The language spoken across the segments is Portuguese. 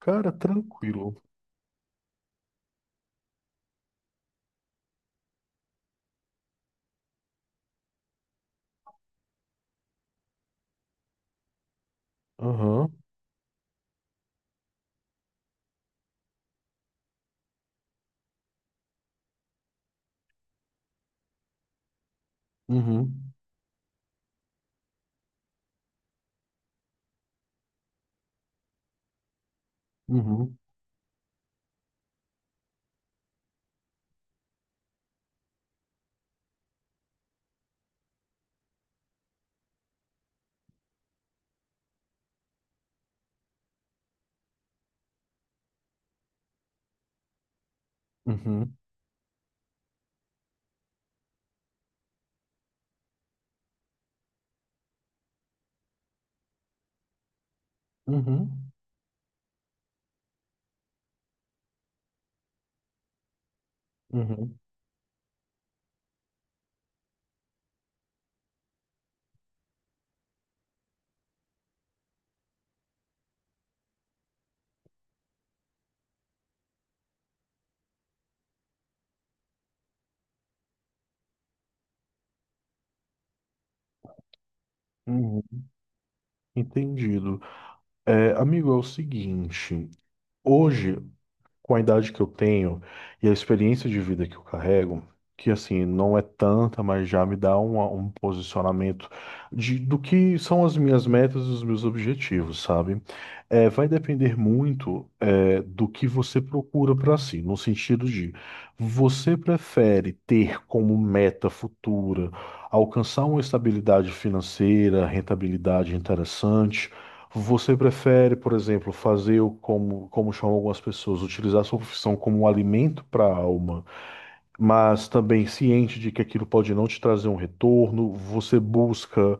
Cara, tranquilo. Aham. Uhum. Uhum. Uhum. Uhum. Uhum. Uhum. Entendido. É, amigo, é o seguinte. Hoje com a idade que eu tenho e a experiência de vida que eu carrego, que assim, não é tanta, mas já me dá um posicionamento de, do que são as minhas metas e os meus objetivos, sabe? É, vai depender muito, é, do que você procura para si, no sentido de você prefere ter como meta futura alcançar uma estabilidade financeira, rentabilidade interessante. Você prefere, por exemplo, fazer o como chamam algumas pessoas, utilizar a sua profissão como um alimento para a alma, mas também ciente de que aquilo pode não te trazer um retorno? Você busca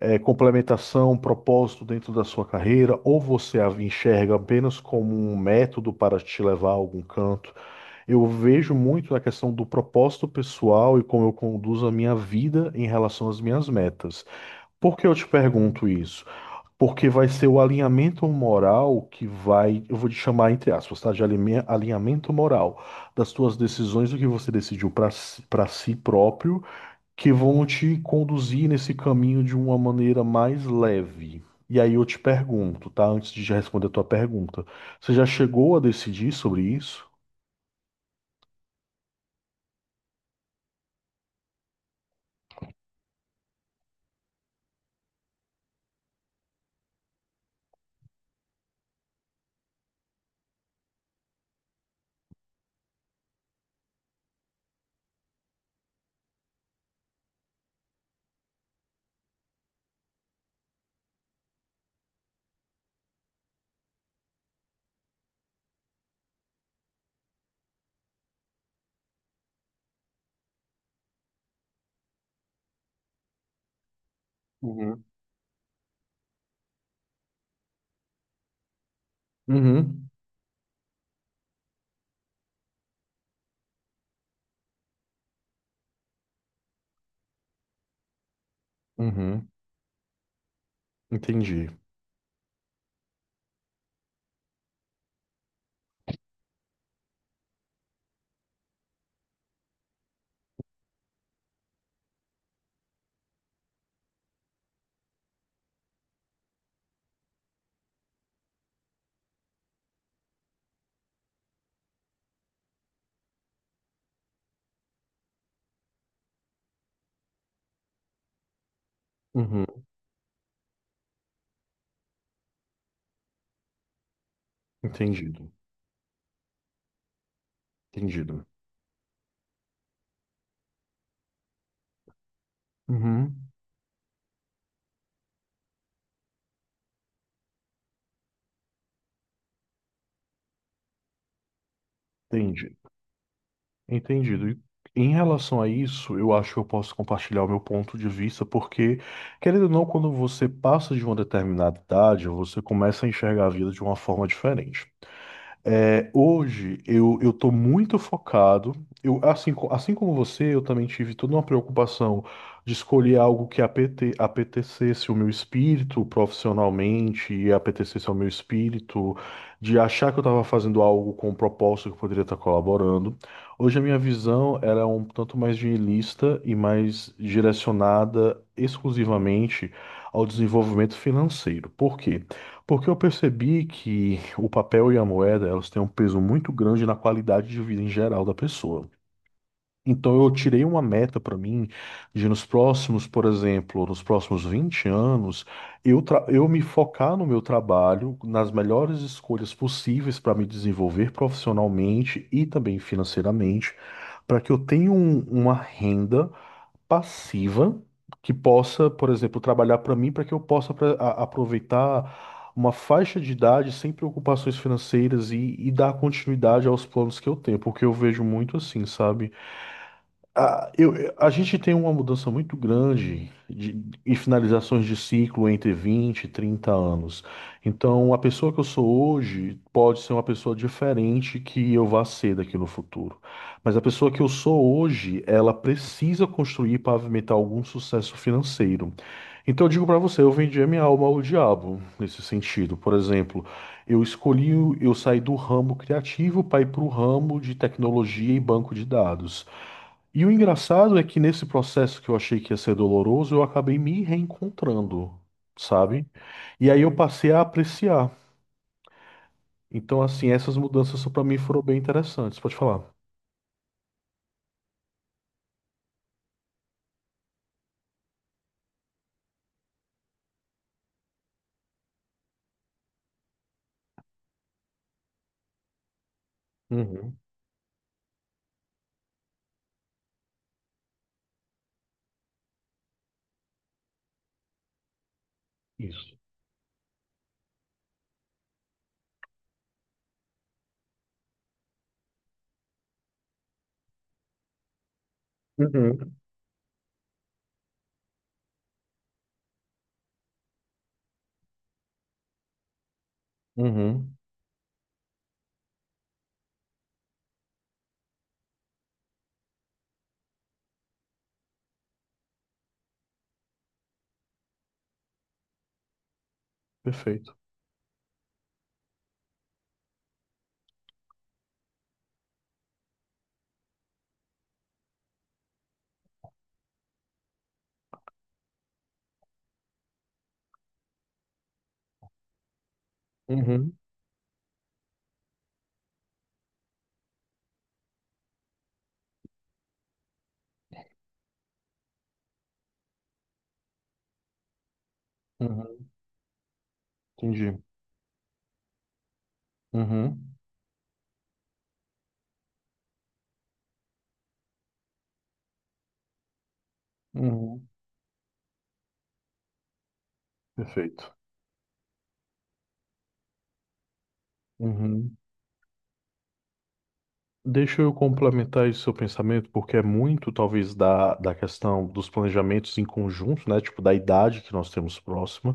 complementação, propósito dentro da sua carreira, ou você a enxerga apenas como um método para te levar a algum canto? Eu vejo muito a questão do propósito pessoal e como eu conduzo a minha vida em relação às minhas metas. Por que eu te pergunto isso? Porque vai ser o alinhamento moral que vai, eu vou te chamar entre aspas, tá? Alinhamento moral das tuas decisões, do que você decidiu para si próprio, que vão te conduzir nesse caminho de uma maneira mais leve. E aí eu te pergunto, tá? Antes de já responder a tua pergunta, você já chegou a decidir sobre isso? Uhum. Uhum, uhum, entendi. Uhum, entendido, entendido. Uhum, entendi. Entendido. Em relação a isso, eu acho que eu posso compartilhar o meu ponto de vista, porque, querendo ou não, quando você passa de uma determinada idade, você começa a enxergar a vida de uma forma diferente. É, hoje eu estou muito focado. Assim como você, eu também tive toda uma preocupação de escolher algo que apetecesse o meu espírito profissionalmente e apetecesse ao meu espírito, de achar que eu estava fazendo algo com um propósito que eu poderia estar colaborando. Hoje a minha visão era um tanto mais nihilista e mais direcionada exclusivamente ao desenvolvimento financeiro. Por quê? Porque eu percebi que o papel e a moeda, elas têm um peso muito grande na qualidade de vida em geral da pessoa. Então eu tirei uma meta para mim de nos próximos, por exemplo, nos próximos 20 anos, eu me focar no meu trabalho, nas melhores escolhas possíveis para me desenvolver profissionalmente e também financeiramente, para que eu tenha uma renda passiva que possa, por exemplo, trabalhar para mim para que eu possa aproveitar uma faixa de idade sem preocupações financeiras e dar continuidade aos planos que eu tenho, porque eu vejo muito assim, sabe? A gente tem uma mudança muito grande e finalizações de ciclo entre 20 e 30 anos. Então, a pessoa que eu sou hoje pode ser uma pessoa diferente que eu vá ser daqui no futuro. Mas a pessoa que eu sou hoje, ela precisa construir e pavimentar algum sucesso financeiro. Então, eu digo para você, eu vendi a minha alma ao diabo nesse sentido. Por exemplo, eu saí do ramo criativo para ir para o ramo de tecnologia e banco de dados. E o engraçado é que nesse processo que eu achei que ia ser doloroso, eu acabei me reencontrando, sabe? E aí eu passei a apreciar. Então, assim, essas mudanças para mim foram bem interessantes. Pode falar. Uhum. Isso. Uhum. Uhum. Perfeito. Uhum. Uhum. Entendi. Uhum. Uhum. Perfeito. Uhum. Deixa eu complementar esse seu pensamento, porque é muito, talvez, da questão dos planejamentos em conjunto, né? Tipo, da idade que nós temos próxima.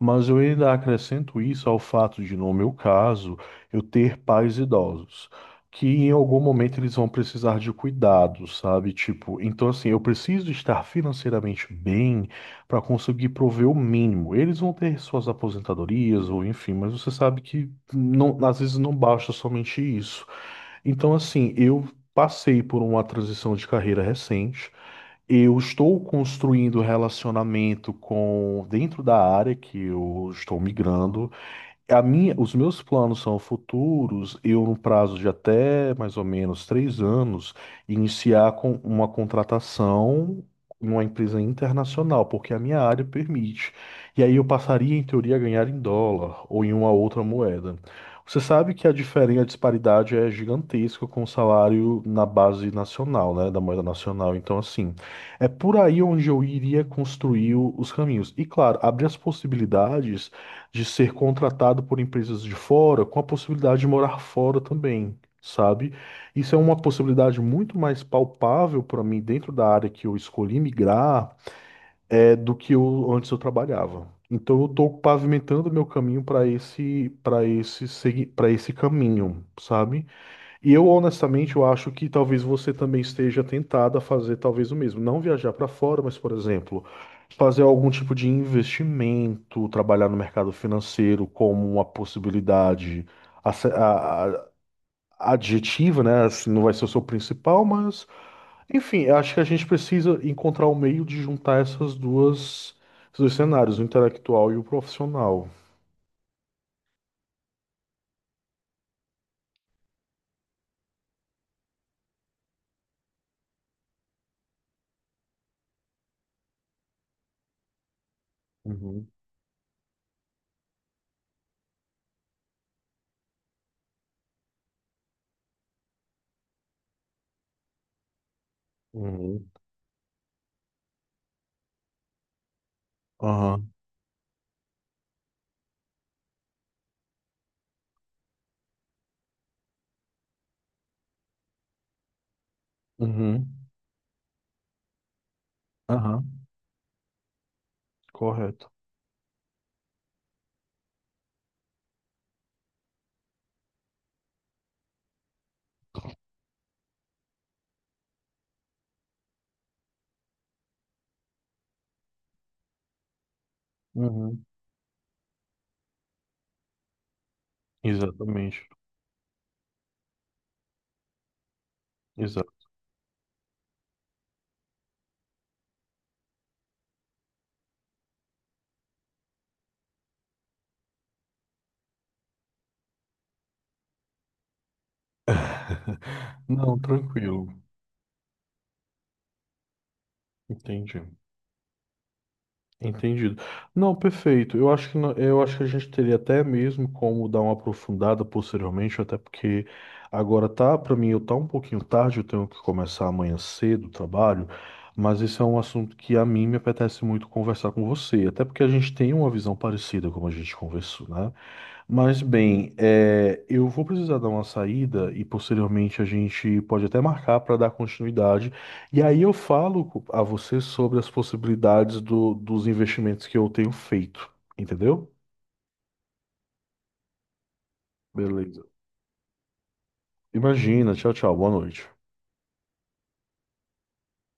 Mas eu ainda acrescento isso ao fato de, no meu caso, eu ter pais idosos, que em algum momento eles vão precisar de cuidado, sabe? Tipo, então assim, eu preciso estar financeiramente bem para conseguir prover o mínimo. Eles vão ter suas aposentadorias ou enfim, mas você sabe que não, às vezes não basta somente isso. Então assim, eu passei por uma transição de carreira recente. Eu estou construindo relacionamento com dentro da área que eu estou migrando. Os meus planos são futuros, eu no prazo de até mais ou menos 3 anos, iniciar com uma contratação numa empresa internacional, porque a minha área permite. E aí eu passaria, em teoria, a ganhar em dólar ou em uma outra moeda. Você sabe que a disparidade é gigantesca com o salário na base nacional, né, da moeda nacional. Então, assim, é por aí onde eu iria construir os caminhos. E, claro, abrir as possibilidades de ser contratado por empresas de fora, com a possibilidade de morar fora também, sabe? Isso é uma possibilidade muito mais palpável para mim dentro da área que eu escolhi migrar, é do que eu antes eu trabalhava. Então eu estou pavimentando meu caminho para esse caminho, sabe? E eu, honestamente, eu acho que talvez você também esteja tentado a fazer talvez o mesmo. Não viajar para fora, mas, por exemplo, fazer algum tipo de investimento, trabalhar no mercado financeiro como uma possibilidade ace- a- a- adjetiva, né? Assim, não vai ser o seu principal, mas, enfim, eu acho que a gente precisa encontrar o meio de juntar esses dois cenários, o intelectual e o profissional. Uhum, uhum. Aham, uhum, aham, correto. Uhum. Exatamente, exato. Não, tranquilo, entendi, entendido. Não, perfeito. Eu acho que no- Eu acho que a gente teria até mesmo como dar uma aprofundada posteriormente, até porque agora tá, para mim, eu tá um pouquinho tarde, eu tenho que começar amanhã cedo o trabalho, mas esse é um assunto que a mim me apetece muito conversar com você, até porque a gente tem uma visão parecida como a gente conversou, né? Mas bem, é, eu vou precisar dar uma saída e posteriormente a gente pode até marcar para dar continuidade. E aí eu falo a você sobre as possibilidades dos investimentos que eu tenho feito, entendeu? Beleza. Imagina, tchau, tchau, boa noite.